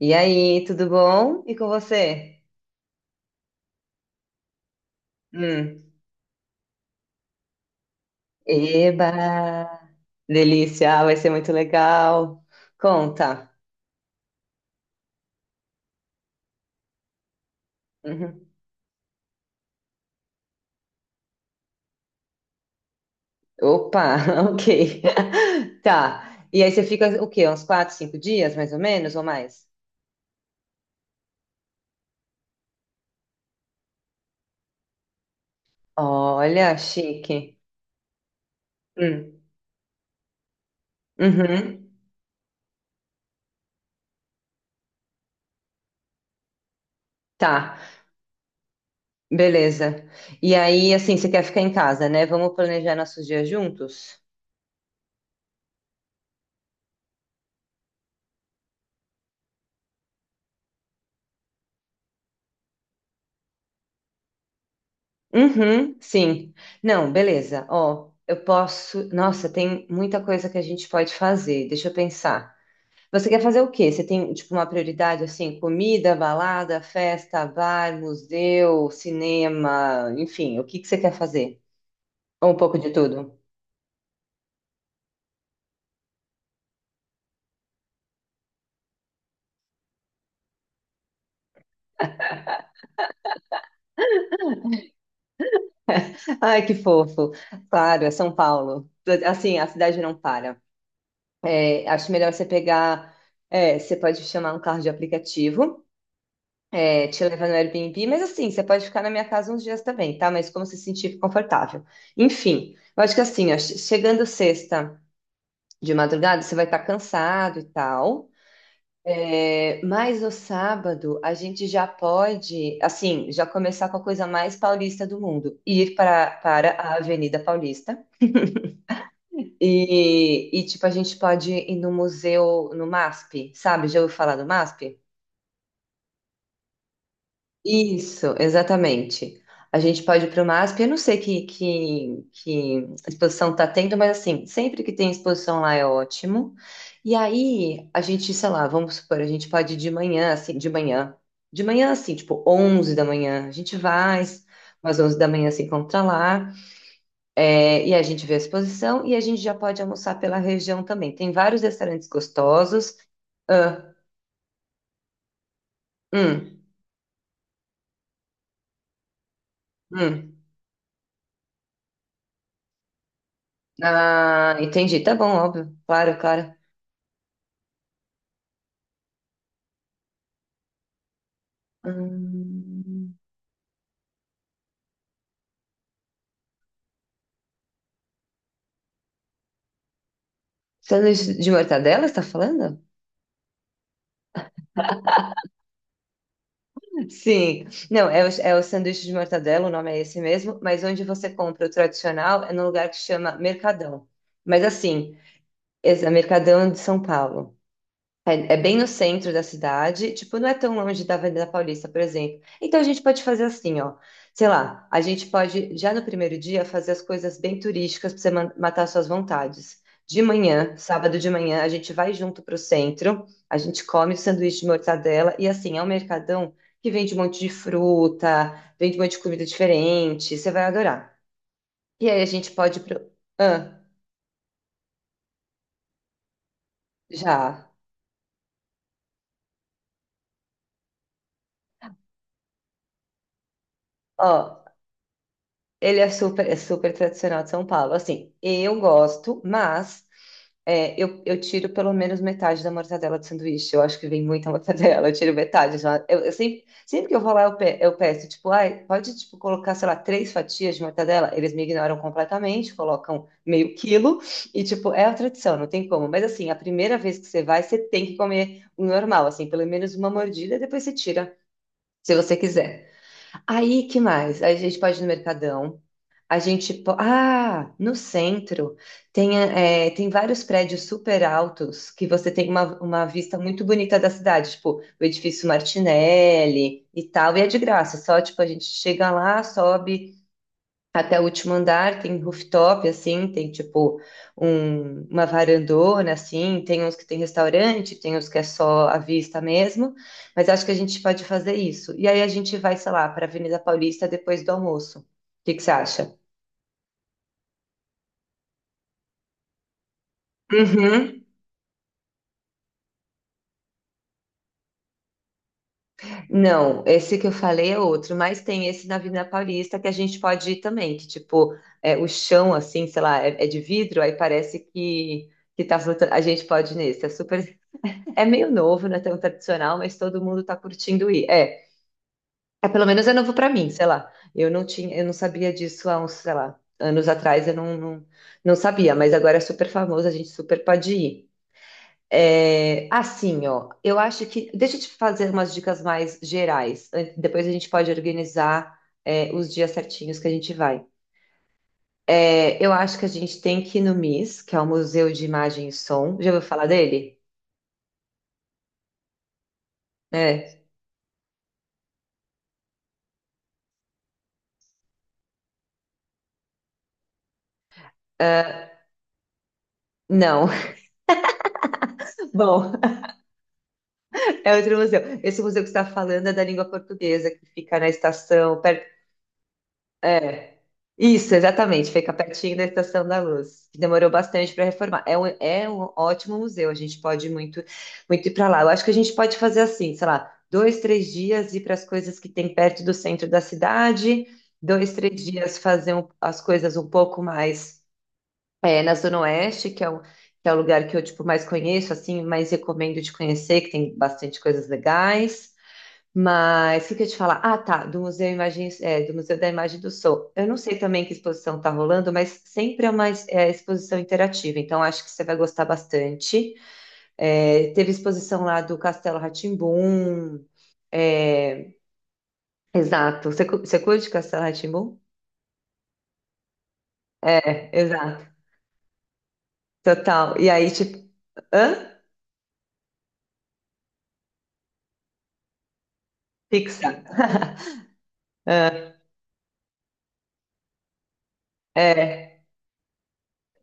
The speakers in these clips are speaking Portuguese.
E aí, tudo bom? E com você? Hum. Eba! Delícia, vai ser muito legal. Conta. Uhum. Opa, Ok. Tá. E aí você fica o quê? Uns 4, 5 dias, mais ou menos, ou mais? Olha, chique. Hum. Uhum. Tá, beleza. E aí, assim, você quer ficar em casa, né? Vamos planejar nossos dias juntos? Uhum, sim. Não, beleza. Ó, eu posso. Nossa, tem muita coisa que a gente pode fazer. Deixa eu pensar. Você quer fazer o quê? Você tem, tipo, uma prioridade assim, comida, balada, festa, bar, museu, cinema, enfim, o que que você quer fazer? Ou um pouco de tudo? Ai, que fofo. Claro, é São Paulo. Assim, a cidade não para. É, acho melhor você pegar. É, você pode chamar um carro de aplicativo. É, te levar no Airbnb, mas assim, você pode ficar na minha casa uns dias também, tá? Mas como se sentir confortável. Enfim, eu acho que assim, ó, chegando sexta de madrugada, você vai estar cansado e tal. É, mas no sábado a gente já pode, assim, já começar com a coisa mais paulista do mundo, ir para a Avenida Paulista e, tipo, a gente pode ir no museu, no MASP, sabe? Já ouviu falar do MASP? Isso, exatamente. A gente pode ir para o MASP, eu não sei que exposição está tendo, mas assim, sempre que tem exposição lá é ótimo. E aí, a gente, sei lá, vamos supor, a gente pode ir de manhã, assim, de manhã. De manhã, assim, tipo 11 da manhã, a gente vai, umas 11 da manhã se encontra lá, é, e a gente vê a exposição, e a gente já pode almoçar pela região também. Tem vários restaurantes gostosos. Ah, hum, hum. Ah, entendi, tá bom, óbvio, claro, claro. Hum, Sanduíche de mortadela, você tá falando? Sim. Não, é o sanduíche de mortadela, o nome é esse mesmo, mas onde você compra o tradicional é num lugar que chama Mercadão. Mas assim, esse é Mercadão de São Paulo. É, bem no centro da cidade, tipo, não é tão longe da Avenida Paulista, por exemplo. Então a gente pode fazer assim, ó. Sei lá, a gente pode já no primeiro dia fazer as coisas bem turísticas para você matar suas vontades. De manhã, sábado de manhã, a gente vai junto para o centro, a gente come sanduíche de mortadela e assim, é um mercadão que vende um monte de fruta, vende um monte de comida diferente, você vai adorar. E aí a gente pode ir pro. Ah, já. Ó, ele é super tradicional de São Paulo. Assim, eu gosto, mas é, eu tiro pelo menos metade da mortadela do sanduíche. Eu acho que vem muita mortadela, eu tiro metade. Já. Eu sempre que eu vou lá, eu peço, tipo, ai, pode tipo, colocar, sei lá, três fatias de mortadela? Eles me ignoram completamente, colocam meio quilo. E, tipo, é a tradição, não tem como. Mas, assim, a primeira vez que você vai, você tem que comer o normal, assim, pelo menos uma mordida, depois você tira, se você quiser. Aí, que mais? Aí a gente pode ir no Mercadão. A gente. Ah, no centro tem vários prédios super altos que você tem uma vista muito bonita da cidade, tipo o edifício Martinelli e tal, e é de graça, só tipo a gente chega lá, sobe até o último andar, tem rooftop, assim, tem tipo uma varandona, assim, tem uns que tem restaurante, tem uns que é só a vista mesmo, mas acho que a gente pode fazer isso. E aí a gente vai, sei lá, para Avenida Paulista depois do almoço. O que que você acha? Uhum. Não, esse que eu falei é outro, mas tem esse na Avenida Paulista que a gente pode ir também, que tipo, é, o chão assim, sei lá, é de vidro, aí parece que tá flutuando. A gente pode ir nesse, é super. É meio novo, não é tão tradicional, mas todo mundo tá curtindo ir. É, pelo menos é novo pra mim, sei lá. Eu não tinha, eu não sabia disso há uns, sei lá, anos atrás, eu não sabia, mas agora é super famoso, a gente super pode ir. É, assim, ó, eu acho que. Deixa eu te fazer umas dicas mais gerais. Depois a gente pode organizar, é, os dias certinhos que a gente vai. É, eu acho que a gente tem que ir no MIS, que é o Museu de Imagem e Som. Já ouviu falar dele? É. Ah, não. Bom, é outro museu. Esse museu que você está falando é da língua portuguesa, que fica na estação, perto. É. Isso, exatamente. Fica pertinho da Estação da Luz, que demorou bastante para reformar. É um ótimo museu, a gente pode muito, muito ir para lá. Eu acho que a gente pode fazer assim, sei lá, 2, 3 dias ir para as coisas que tem perto do centro da cidade, 2, 3 dias fazer as coisas um pouco mais é, na Zona Oeste, que é o lugar que eu tipo, mais conheço, assim, mais recomendo de conhecer, que tem bastante coisas legais. Mas o que que eu ia te falar? Ah, tá, do Museu da Imagem do Som. Eu não sei também que exposição está rolando, mas sempre é uma exposição interativa, então acho que você vai gostar bastante. É, teve exposição lá do Castelo rá tim exato. Você curte Castelo rá tim É, exato. Total. E aí, tipo, hã? Pixar. É,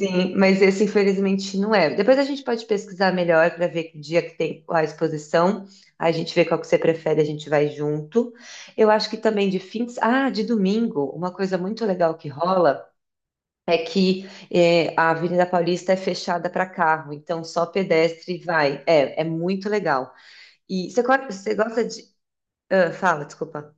sim, mas esse infelizmente não é. Depois a gente pode pesquisar melhor para ver que dia que tem a exposição. Aí a gente vê qual que você prefere, a gente vai junto. Eu acho que também de fins. Ah, de domingo, uma coisa muito legal que rola é que a Avenida Paulista é fechada para carro, então só pedestre vai. É muito legal. E você, você gosta de. Ah, fala, desculpa.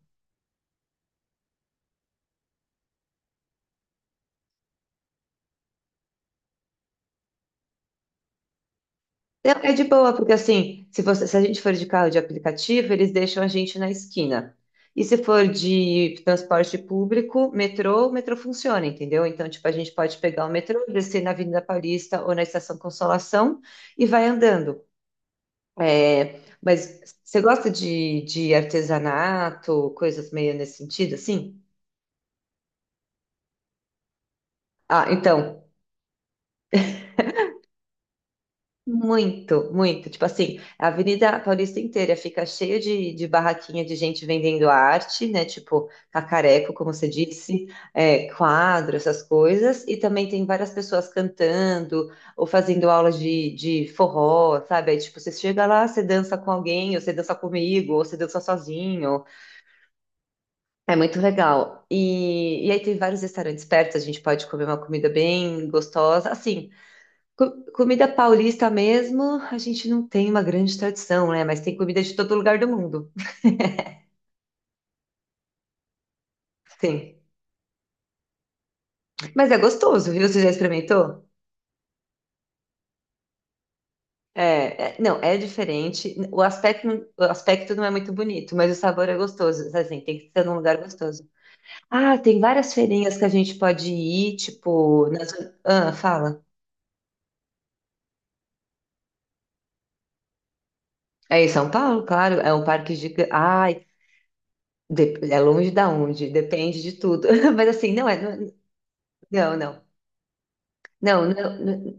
Não, é de boa, porque assim, se a gente for de carro de aplicativo, eles deixam a gente na esquina. E se for de transporte público, metrô, o metrô funciona, entendeu? Então, tipo, a gente pode pegar o metrô, descer na Avenida Paulista ou na Estação Consolação e vai andando. É, mas você gosta de artesanato, coisas meio nesse sentido, assim? Ah, então, muito, muito. Tipo assim, a Avenida Paulista inteira fica cheia de barraquinha de gente vendendo arte, né? Tipo, cacareco, como você disse, é, quadro, essas coisas. E também tem várias pessoas cantando ou fazendo aulas de forró, sabe? Aí, tipo, você chega lá, você dança com alguém, ou você dança comigo, ou você dança sozinho. É muito legal. E aí tem vários restaurantes perto, a gente pode comer uma comida bem gostosa. Assim, Comida paulista mesmo, a gente não tem uma grande tradição, né? Mas tem comida de todo lugar do mundo. Sim. Mas é gostoso, viu? Você já experimentou? Não, é diferente. O aspecto, o aspecto não é muito bonito, mas o sabor é gostoso. Assim, tem que ser num lugar gostoso. Ah, tem várias feirinhas que a gente pode ir, tipo, nas. Ah, fala. É em São Paulo, claro, é um parque gigante. Ai, é longe da onde, depende de tudo. Mas assim, não é, não, não. Não, não, não,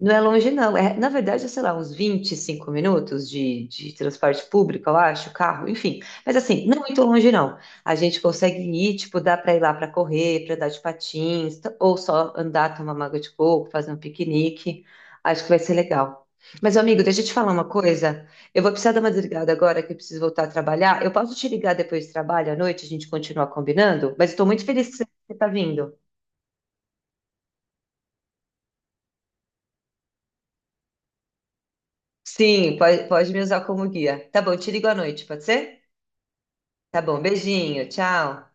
não é longe, não. É, na verdade, é, sei lá, uns 25 minutos de transporte público, eu acho, carro, enfim. Mas assim, não é muito longe, não. A gente consegue ir, tipo, dá para ir lá para correr, para dar de patins, ou só andar, tomar uma água de coco, fazer um piquenique. Acho que vai ser legal. Mas, amigo, deixa eu te falar uma coisa. Eu vou precisar dar uma desligada agora, que eu preciso voltar a trabalhar. Eu posso te ligar depois do trabalho à noite, a gente continua combinando? Mas estou muito feliz que você está vindo. Sim, pode me usar como guia. Tá bom, te ligo à noite, pode ser? Tá bom, beijinho, tchau.